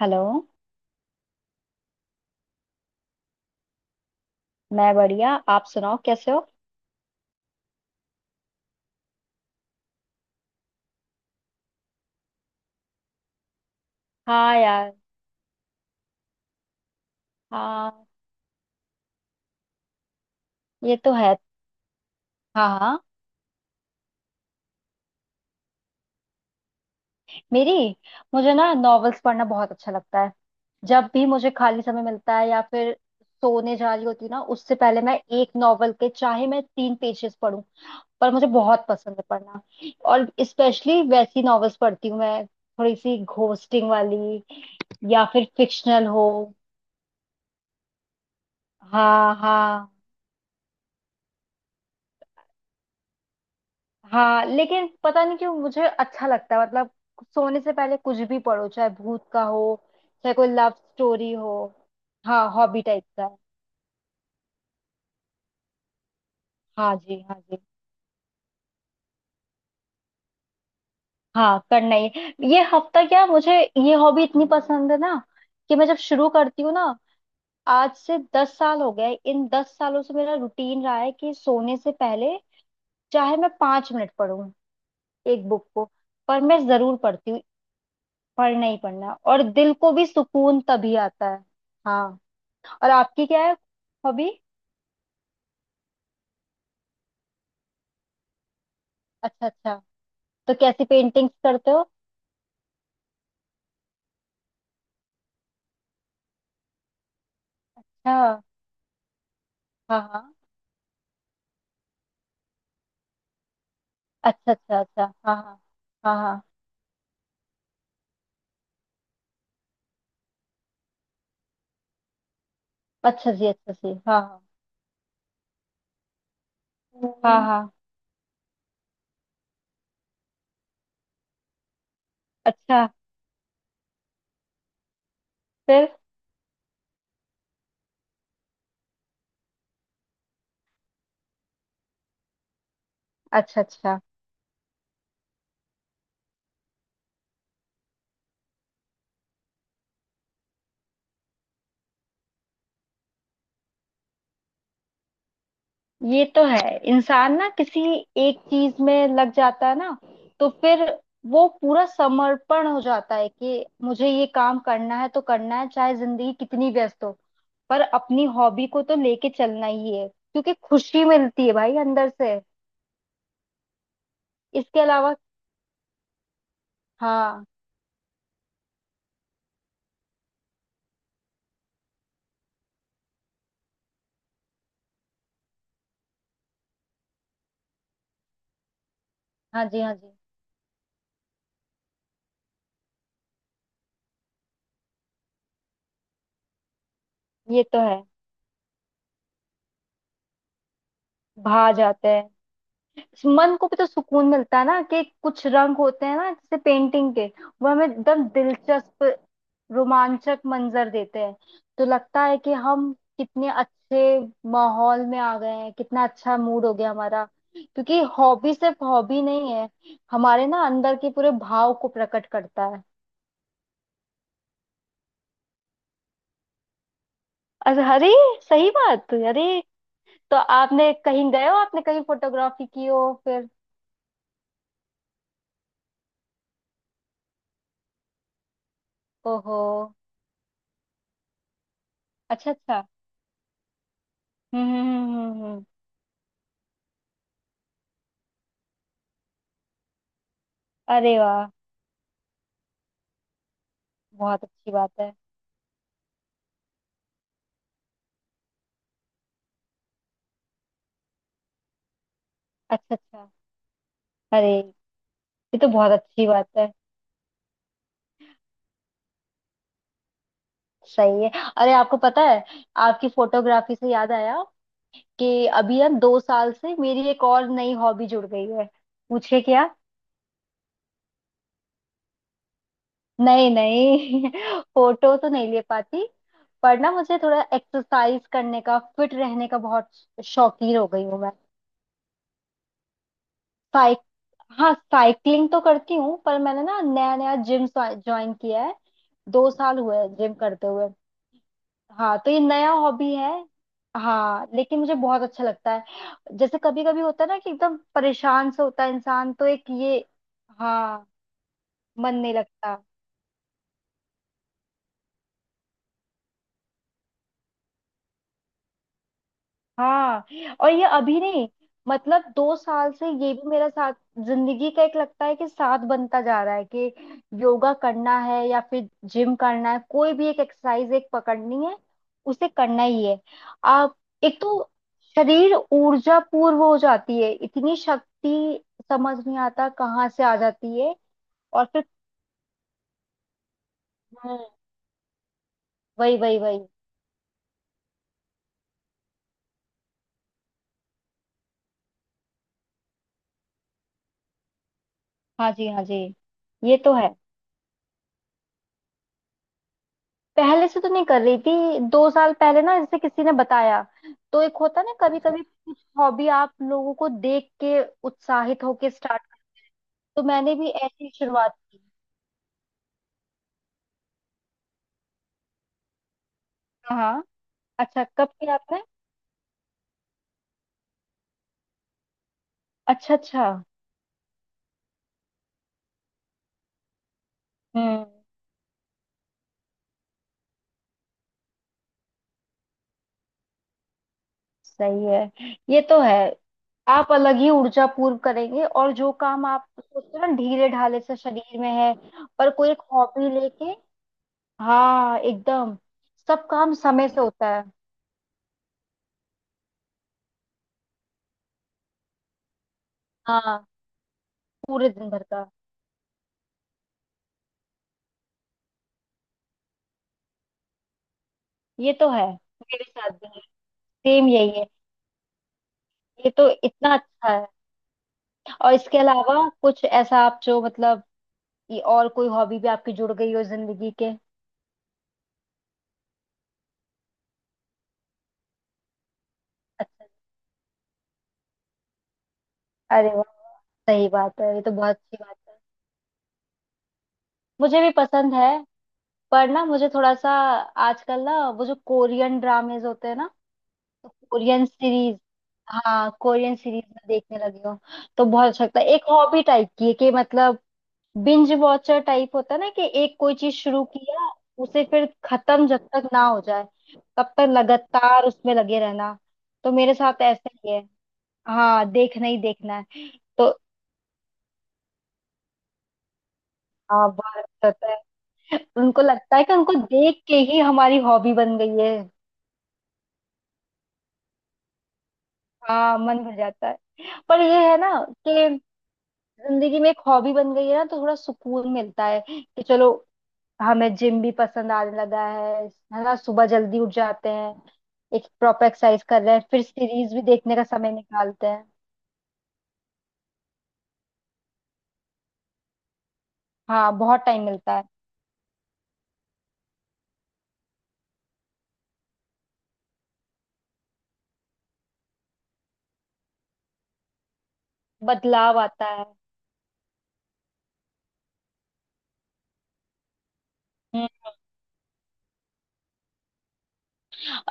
Hello. मैं बढ़िया, आप सुनाओ कैसे हो। हाँ यार। हाँ, ये तो है। हाँ हाँ। मेरी, मुझे ना नॉवेल्स पढ़ना बहुत अच्छा लगता है। जब भी मुझे खाली समय मिलता है या फिर सोने जा रही होती हूँ ना उससे पहले मैं एक नॉवेल के, चाहे मैं 3 पेजेस पढूं, पर मुझे बहुत पसंद है पढ़ना। और स्पेशली वैसी नॉवेल्स पढ़ती हूँ मैं, थोड़ी सी घोस्टिंग वाली या फिर फिक्शनल हो। हाँ हाँ। हाँ लेकिन पता नहीं क्यों मुझे अच्छा लगता है। मतलब सोने से पहले कुछ भी पढ़ो, चाहे भूत का हो, चाहे कोई लव स्टोरी हो। हाँ हॉबी टाइप का है। हाँ जी हाँ जी। हाँ, करना ही है। ये हफ्ता क्या, मुझे ये हॉबी इतनी पसंद है ना कि मैं जब शुरू करती हूँ ना, आज से 10 साल हो गए। इन 10 सालों से मेरा रूटीन रहा है कि सोने से पहले, चाहे मैं 5 मिनट पढूं एक बुक को, पर मैं जरूर पढ़ती हूँ। पढ़ना ही पढ़ना, और दिल को भी सुकून तभी आता है। हाँ। और आपकी क्या है हॉबी। अच्छा अच्छा, तो कैसी पेंटिंग्स करते हो। अच्छा। हाँ हाँ। अच्छा अच्छा अच्छा, हाँ हाँ। हाँ हाँ। अच्छा जी अच्छा जी, हाँ हाँ। हाँ, हाँ। अच्छा। फिर। अच्छा अच्छा। ये तो है। इंसान ना किसी एक चीज में लग जाता है ना, तो फिर वो पूरा समर्पण हो जाता है कि मुझे ये काम करना है तो करना है, चाहे जिंदगी कितनी व्यस्त हो। पर अपनी हॉबी को तो लेके चलना ही है, क्योंकि खुशी मिलती है भाई अंदर से। इसके अलावा। हाँ। हाँ जी हाँ जी। ये तो है। भा जाते हैं। मन को भी तो सुकून मिलता है ना, कि कुछ रंग होते हैं ना जैसे पेंटिंग के, वो हमें एकदम दिलचस्प रोमांचक मंजर देते हैं। तो लगता है कि हम कितने अच्छे माहौल में आ गए हैं, कितना अच्छा मूड हो गया हमारा। क्योंकि हॉबी सिर्फ हॉबी नहीं है, हमारे ना अंदर के पूरे भाव को प्रकट करता है। अरे अरे, सही बात, अरे। तो आपने कहीं गए हो, आपने कहीं फोटोग्राफी की हो फिर। ओहो। अच्छा अच्छा। हम्म। अरे वाह, बहुत अच्छी बात है। अच्छा अच्छा। अरे, ये तो बहुत अच्छी बात है। सही है। अरे आपको पता है, आपकी फोटोग्राफी से याद आया कि अभी ना 2 साल से मेरी एक और नई हॉबी जुड़ गई है। पूछे क्या। नहीं नहीं, फोटो तो नहीं ले पाती। पर ना मुझे थोड़ा एक्सरसाइज करने का, फिट रहने का बहुत शौकीन हो गई हूँ मैं। साइक हाँ साइकिलिंग तो करती हूँ, पर मैंने ना नया नया जिम ज्वाइन किया है। 2 साल हुए हैं जिम करते हुए। हाँ, तो ये नया हॉबी है। हाँ लेकिन मुझे बहुत अच्छा लगता है। जैसे कभी कभी होता है ना कि एकदम परेशान से होता है इंसान, तो एक ये। हाँ, मन नहीं लगता। हाँ। और ये अभी नहीं, मतलब 2 साल से ये भी मेरा साथ, जिंदगी का एक लगता है कि साथ बनता जा रहा है, कि योगा करना है या फिर जिम करना है, कोई भी एक एक्सरसाइज एक पकड़नी है, उसे करना ही है। आप एक तो शरीर ऊर्जा पूर्व हो जाती है, इतनी शक्ति समझ नहीं आता कहाँ से आ जाती है। और फिर। हम्म। वही वही वही। हाँ जी हाँ जी। ये तो है। पहले से तो नहीं कर रही थी, 2 साल पहले ना जैसे किसी ने बताया। तो एक होता ना, कभी कभी हॉबी आप लोगों को देख के उत्साहित होके स्टार्ट, तो मैंने भी ऐसी ही शुरुआत की। हाँ। अच्छा कब किया आपने। अच्छा अच्छा। हम्म। सही है। ये तो है। आप अलग ही ऊर्जा पूर्व करेंगे, और जो काम आप सोचते हो ना ढीले ढाले से शरीर में है, पर कोई एक हॉबी लेके। हाँ एकदम। सब काम समय से होता है। हाँ पूरे दिन भर का। ये तो है, मेरे साथ भी है। सेम यही है। ये तो इतना अच्छा है। और इसके अलावा कुछ ऐसा आप जो, मतलब ये और कोई हॉबी भी आपकी जुड़ गई हो जिंदगी के। अच्छा। अरे वाह, सही बात है, ये तो बहुत अच्छी बात है। मुझे भी पसंद है। पर ना मुझे थोड़ा सा आजकल ना वो जो कोरियन ड्रामेज होते हैं ना, तो कोरियन सीरीज, हाँ कोरियन सीरीज में देखने लगी हूँ। तो बहुत अच्छा लगता है, एक हॉबी टाइप की है कि मतलब बिंज वॉचर टाइप होता है ना कि एक कोई चीज शुरू किया उसे फिर खत्म जब तक ना हो जाए तब तक लगातार उसमें लगे रहना। तो मेरे साथ ऐसा ही है। हाँ देखना ही देखना है। तो हाँ बात होता है, उनको लगता है कि उनको देख के ही हमारी हॉबी बन गई है। हाँ मन भर जाता है। पर ये है ना, कि जिंदगी में एक हॉबी बन गई है ना तो थोड़ा सुकून मिलता है कि चलो हमें जिम भी पसंद आने लगा है ना। सुबह जल्दी उठ जाते हैं, एक प्रॉपर एक्सरसाइज कर रहे हैं, फिर सीरीज भी देखने का समय निकालते हैं। हाँ बहुत टाइम मिलता है। बदलाव आता है। हम्म।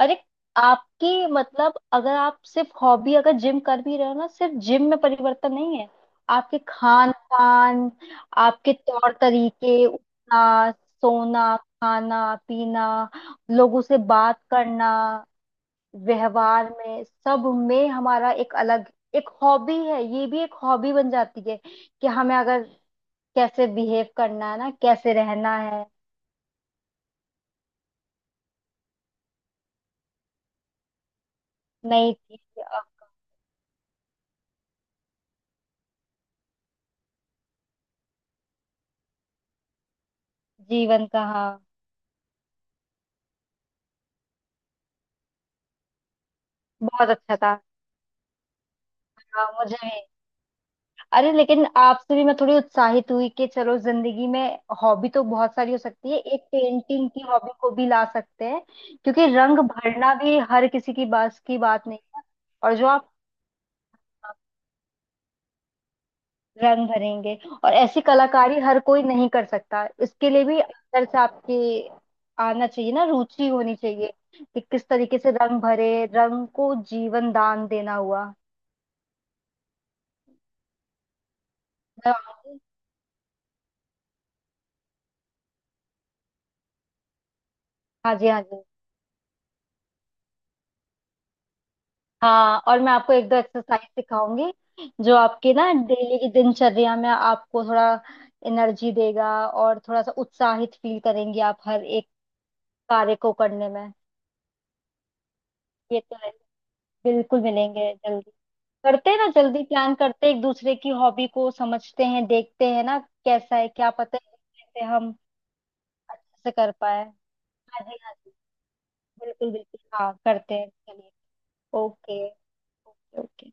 और एक आपकी, मतलब अगर आप सिर्फ हॉबी अगर जिम कर भी रहे हो ना, सिर्फ जिम में परिवर्तन नहीं है, आपके खान पान, आपके तौर तरीके, उठना, सोना, खाना पीना, लोगों से बात करना, व्यवहार में, सब में हमारा एक अलग, एक हॉबी है। ये भी एक हॉबी बन जाती है कि हमें अगर कैसे बिहेव करना है ना, कैसे रहना है। नई चीज जीवन का। हाँ बहुत अच्छा था। हाँ मुझे भी। अरे लेकिन आपसे भी मैं थोड़ी उत्साहित हुई कि चलो जिंदगी में हॉबी तो बहुत सारी हो सकती है, एक पेंटिंग की हॉबी को भी ला सकते हैं। क्योंकि रंग भरना भी हर किसी की बस की बात नहीं है। और जो आप रंग भरेंगे, और ऐसी कलाकारी हर कोई नहीं कर सकता, इसके लिए भी अंदर से आपकी आना चाहिए ना, रुचि होनी चाहिए कि किस तरीके से रंग भरे, रंग को जीवन दान देना हुआ। मैं आऊंगी। हाँ जी हाँ जी। हाँ और मैं आपको एक दो एक्सरसाइज सिखाऊंगी, जो आपके ना डेली की दिनचर्या में आपको थोड़ा एनर्जी देगा और थोड़ा सा उत्साहित फील करेंगी आप हर एक कार्य को करने में। ये तो है। बिल्कुल मिलेंगे जल्दी, करते हैं ना जल्दी प्लान करते हैं, एक दूसरे की हॉबी को समझते हैं, देखते हैं ना कैसा है क्या, पता है कैसे हम अच्छे से कर पाए। हाँ जी हाँ जी। बिल्कुल बिल्कुल, हाँ करते हैं चलिए। Okay okay okay.